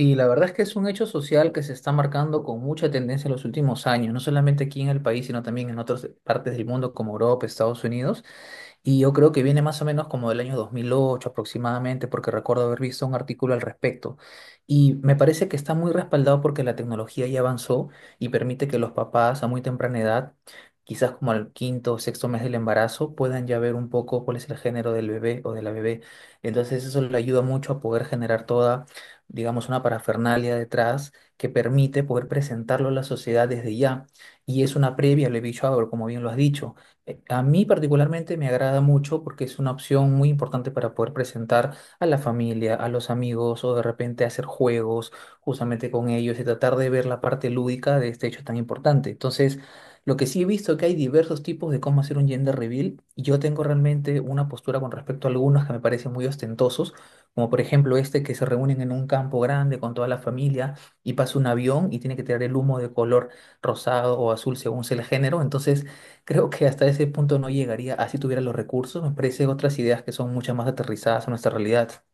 Y la verdad es que es un hecho social que se está marcando con mucha tendencia en los últimos años, no solamente aquí en el país, sino también en otras partes del mundo como Europa, Estados Unidos. Y yo creo que viene más o menos como del año 2008 aproximadamente, porque recuerdo haber visto un artículo al respecto. Y me parece que está muy respaldado porque la tecnología ya avanzó y permite que los papás a muy temprana edad, quizás como al quinto o sexto mes del embarazo, puedan ya ver un poco cuál es el género del bebé o de la bebé. Entonces eso le ayuda mucho a poder generar toda, digamos, una parafernalia detrás que permite poder presentarlo a la sociedad desde ya. Y es una previa, lo he dicho ahora, como bien lo has dicho. A mí particularmente me agrada mucho porque es una opción muy importante para poder presentar a la familia, a los amigos o de repente hacer juegos justamente con ellos y tratar de ver la parte lúdica de este hecho tan importante. Entonces, lo que sí he visto es que hay diversos tipos de cómo hacer un gender reveal, y yo tengo realmente una postura con respecto a algunos que me parecen muy ostentosos, como por ejemplo este que se reúnen en un campo grande con toda la familia y pasa un avión y tiene que tirar el humo de color rosado o azul según sea el género. Entonces, creo que hasta ese punto no llegaría así tuviera los recursos. Me parece otras ideas que son mucho más aterrizadas a nuestra realidad.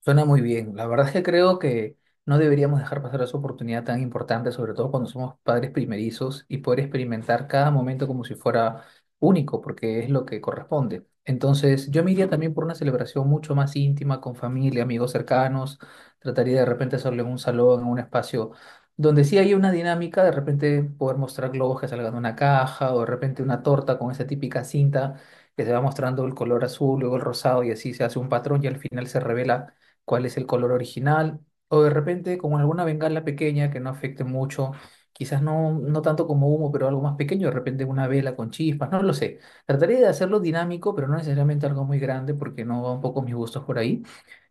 Suena muy bien. La verdad es que creo que no deberíamos dejar pasar esa oportunidad tan importante, sobre todo cuando somos padres primerizos y poder experimentar cada momento como si fuera único, porque es lo que corresponde. Entonces, yo me iría también por una celebración mucho más íntima, con familia, amigos cercanos. Trataría de repente hacerlo en un salón, en un espacio donde sí hay una dinámica, de repente poder mostrar globos que salgan de una caja o de repente una torta con esa típica cinta que se va mostrando el color azul, luego el rosado y así se hace un patrón y al final se revela cuál es el color original, o de repente con alguna bengala pequeña que no afecte mucho, quizás no, no tanto como humo, pero algo más pequeño, de repente una vela con chispas, no lo sé. Trataría de hacerlo dinámico, pero no necesariamente algo muy grande porque no va un poco mis gustos por ahí.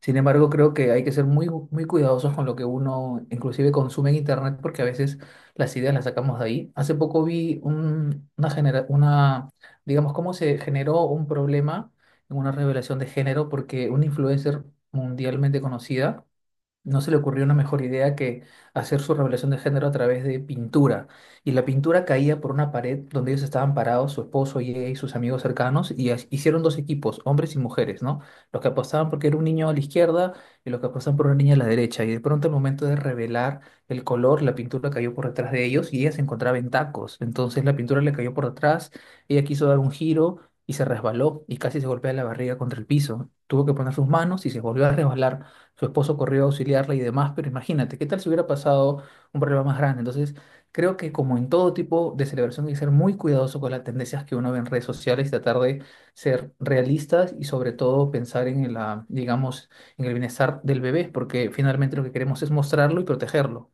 Sin embargo, creo que hay que ser muy, muy cuidadosos con lo que uno inclusive consume en internet porque a veces las ideas las sacamos de ahí. Hace poco vi una, digamos, cómo se generó un problema en una revelación de género porque una influencer mundialmente conocida no se le ocurrió una mejor idea que hacer su revelación de género a través de pintura. Y la pintura caía por una pared donde ellos estaban parados, su esposo y ella y sus amigos cercanos, y hicieron dos equipos, hombres y mujeres, ¿no? Los que apostaban porque era un niño a la izquierda y los que apostaban por una niña a la derecha. Y de pronto, al momento de revelar el color, la pintura cayó por detrás de ellos y ella se encontraba en tacos. Entonces la pintura le cayó por detrás, ella quiso dar un giro y se resbaló y casi se golpea la barriga contra el piso. Tuvo que poner sus manos y se volvió a resbalar, su esposo corrió a auxiliarla y demás, pero imagínate, ¿qué tal si hubiera pasado un problema más grande? Entonces, creo que como en todo tipo de celebración hay que ser muy cuidadoso con las tendencias que uno ve en redes sociales, tratar de ser realistas y sobre todo pensar en la, digamos, en el bienestar del bebé, porque finalmente lo que queremos es mostrarlo y protegerlo.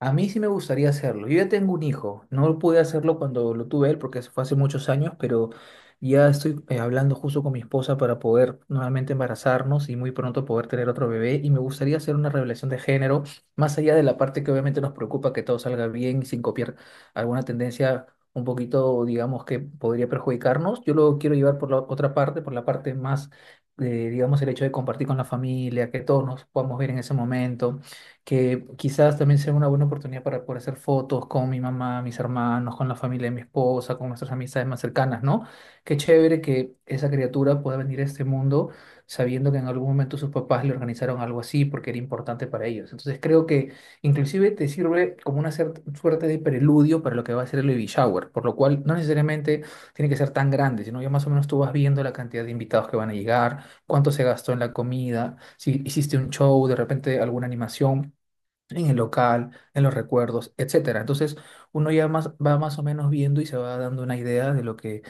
A mí sí me gustaría hacerlo. Yo ya tengo un hijo. No pude hacerlo cuando lo tuve él porque eso fue hace muchos años, pero ya estoy hablando justo con mi esposa para poder nuevamente embarazarnos y muy pronto poder tener otro bebé. Y me gustaría hacer una revelación de género, más allá de la parte que obviamente nos preocupa que todo salga bien y sin copiar alguna tendencia un poquito, digamos, que podría perjudicarnos. Yo lo quiero llevar por la otra parte, por la parte más, digamos, el hecho de compartir con la familia, que todos nos podamos ver en ese momento que quizás también sea una buena oportunidad para poder hacer fotos con mi mamá, mis hermanos, con la familia de mi esposa, con nuestras amistades más cercanas, ¿no? Qué chévere que esa criatura pueda venir a este mundo sabiendo que en algún momento sus papás le organizaron algo así porque era importante para ellos. Entonces creo que inclusive te sirve como una suerte de preludio para lo que va a ser el baby shower, por lo cual no necesariamente tiene que ser tan grande, sino ya más o menos tú vas viendo la cantidad de invitados que van a llegar, cuánto se gastó en la comida, si hiciste un show, de repente alguna animación en el local, en los recuerdos, etcétera. Entonces, uno ya más o menos viendo y se va dando una idea de lo que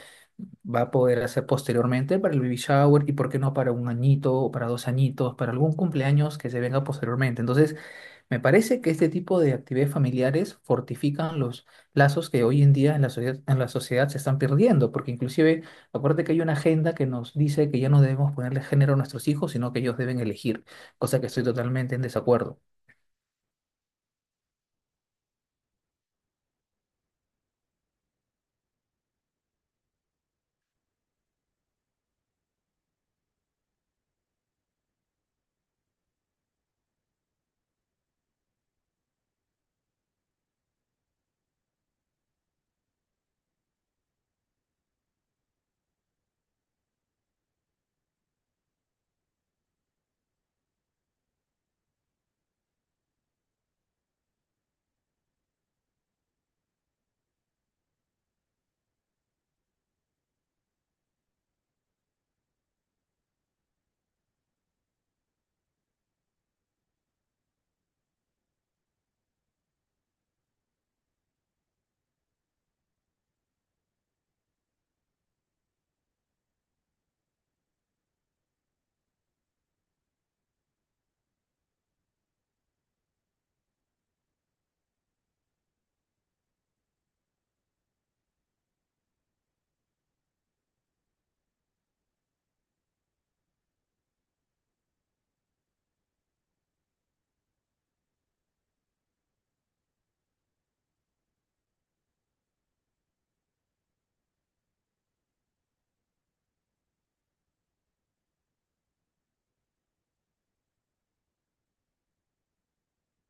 va a poder hacer posteriormente para el baby shower y por qué no para un añito o para dos añitos, para algún cumpleaños que se venga posteriormente. Entonces, me parece que este tipo de actividades familiares fortifican los lazos que hoy en día en la sociedad, se están perdiendo, porque inclusive, acuérdate que hay una agenda que nos dice que ya no debemos ponerle género a nuestros hijos, sino que ellos deben elegir, cosa que estoy totalmente en desacuerdo.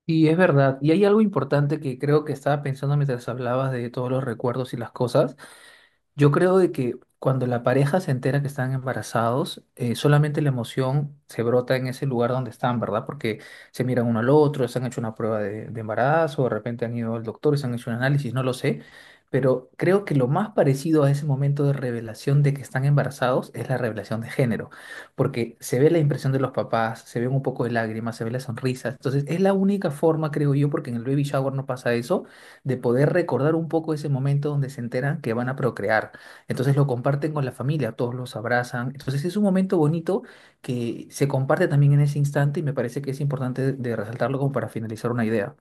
Y es verdad, y hay algo importante que creo que estaba pensando mientras hablabas de todos los recuerdos y las cosas, yo creo de que cuando la pareja se entera que están embarazados, solamente la emoción se brota en ese lugar donde están, ¿verdad? Porque se miran uno al otro, se han hecho una prueba de embarazo, de repente han ido al doctor y se han hecho un análisis, no lo sé. Pero creo que lo más parecido a ese momento de revelación de que están embarazados es la revelación de género, porque se ve la impresión de los papás, se ven un poco de lágrimas, se ve la sonrisa. Entonces es la única forma, creo yo, porque en el baby shower no pasa eso de poder recordar un poco ese momento donde se enteran que van a procrear. Entonces lo comparten con la familia, todos los abrazan. Entonces es un momento bonito que se comparte también en ese instante y me parece que es importante de resaltarlo como para finalizar una idea.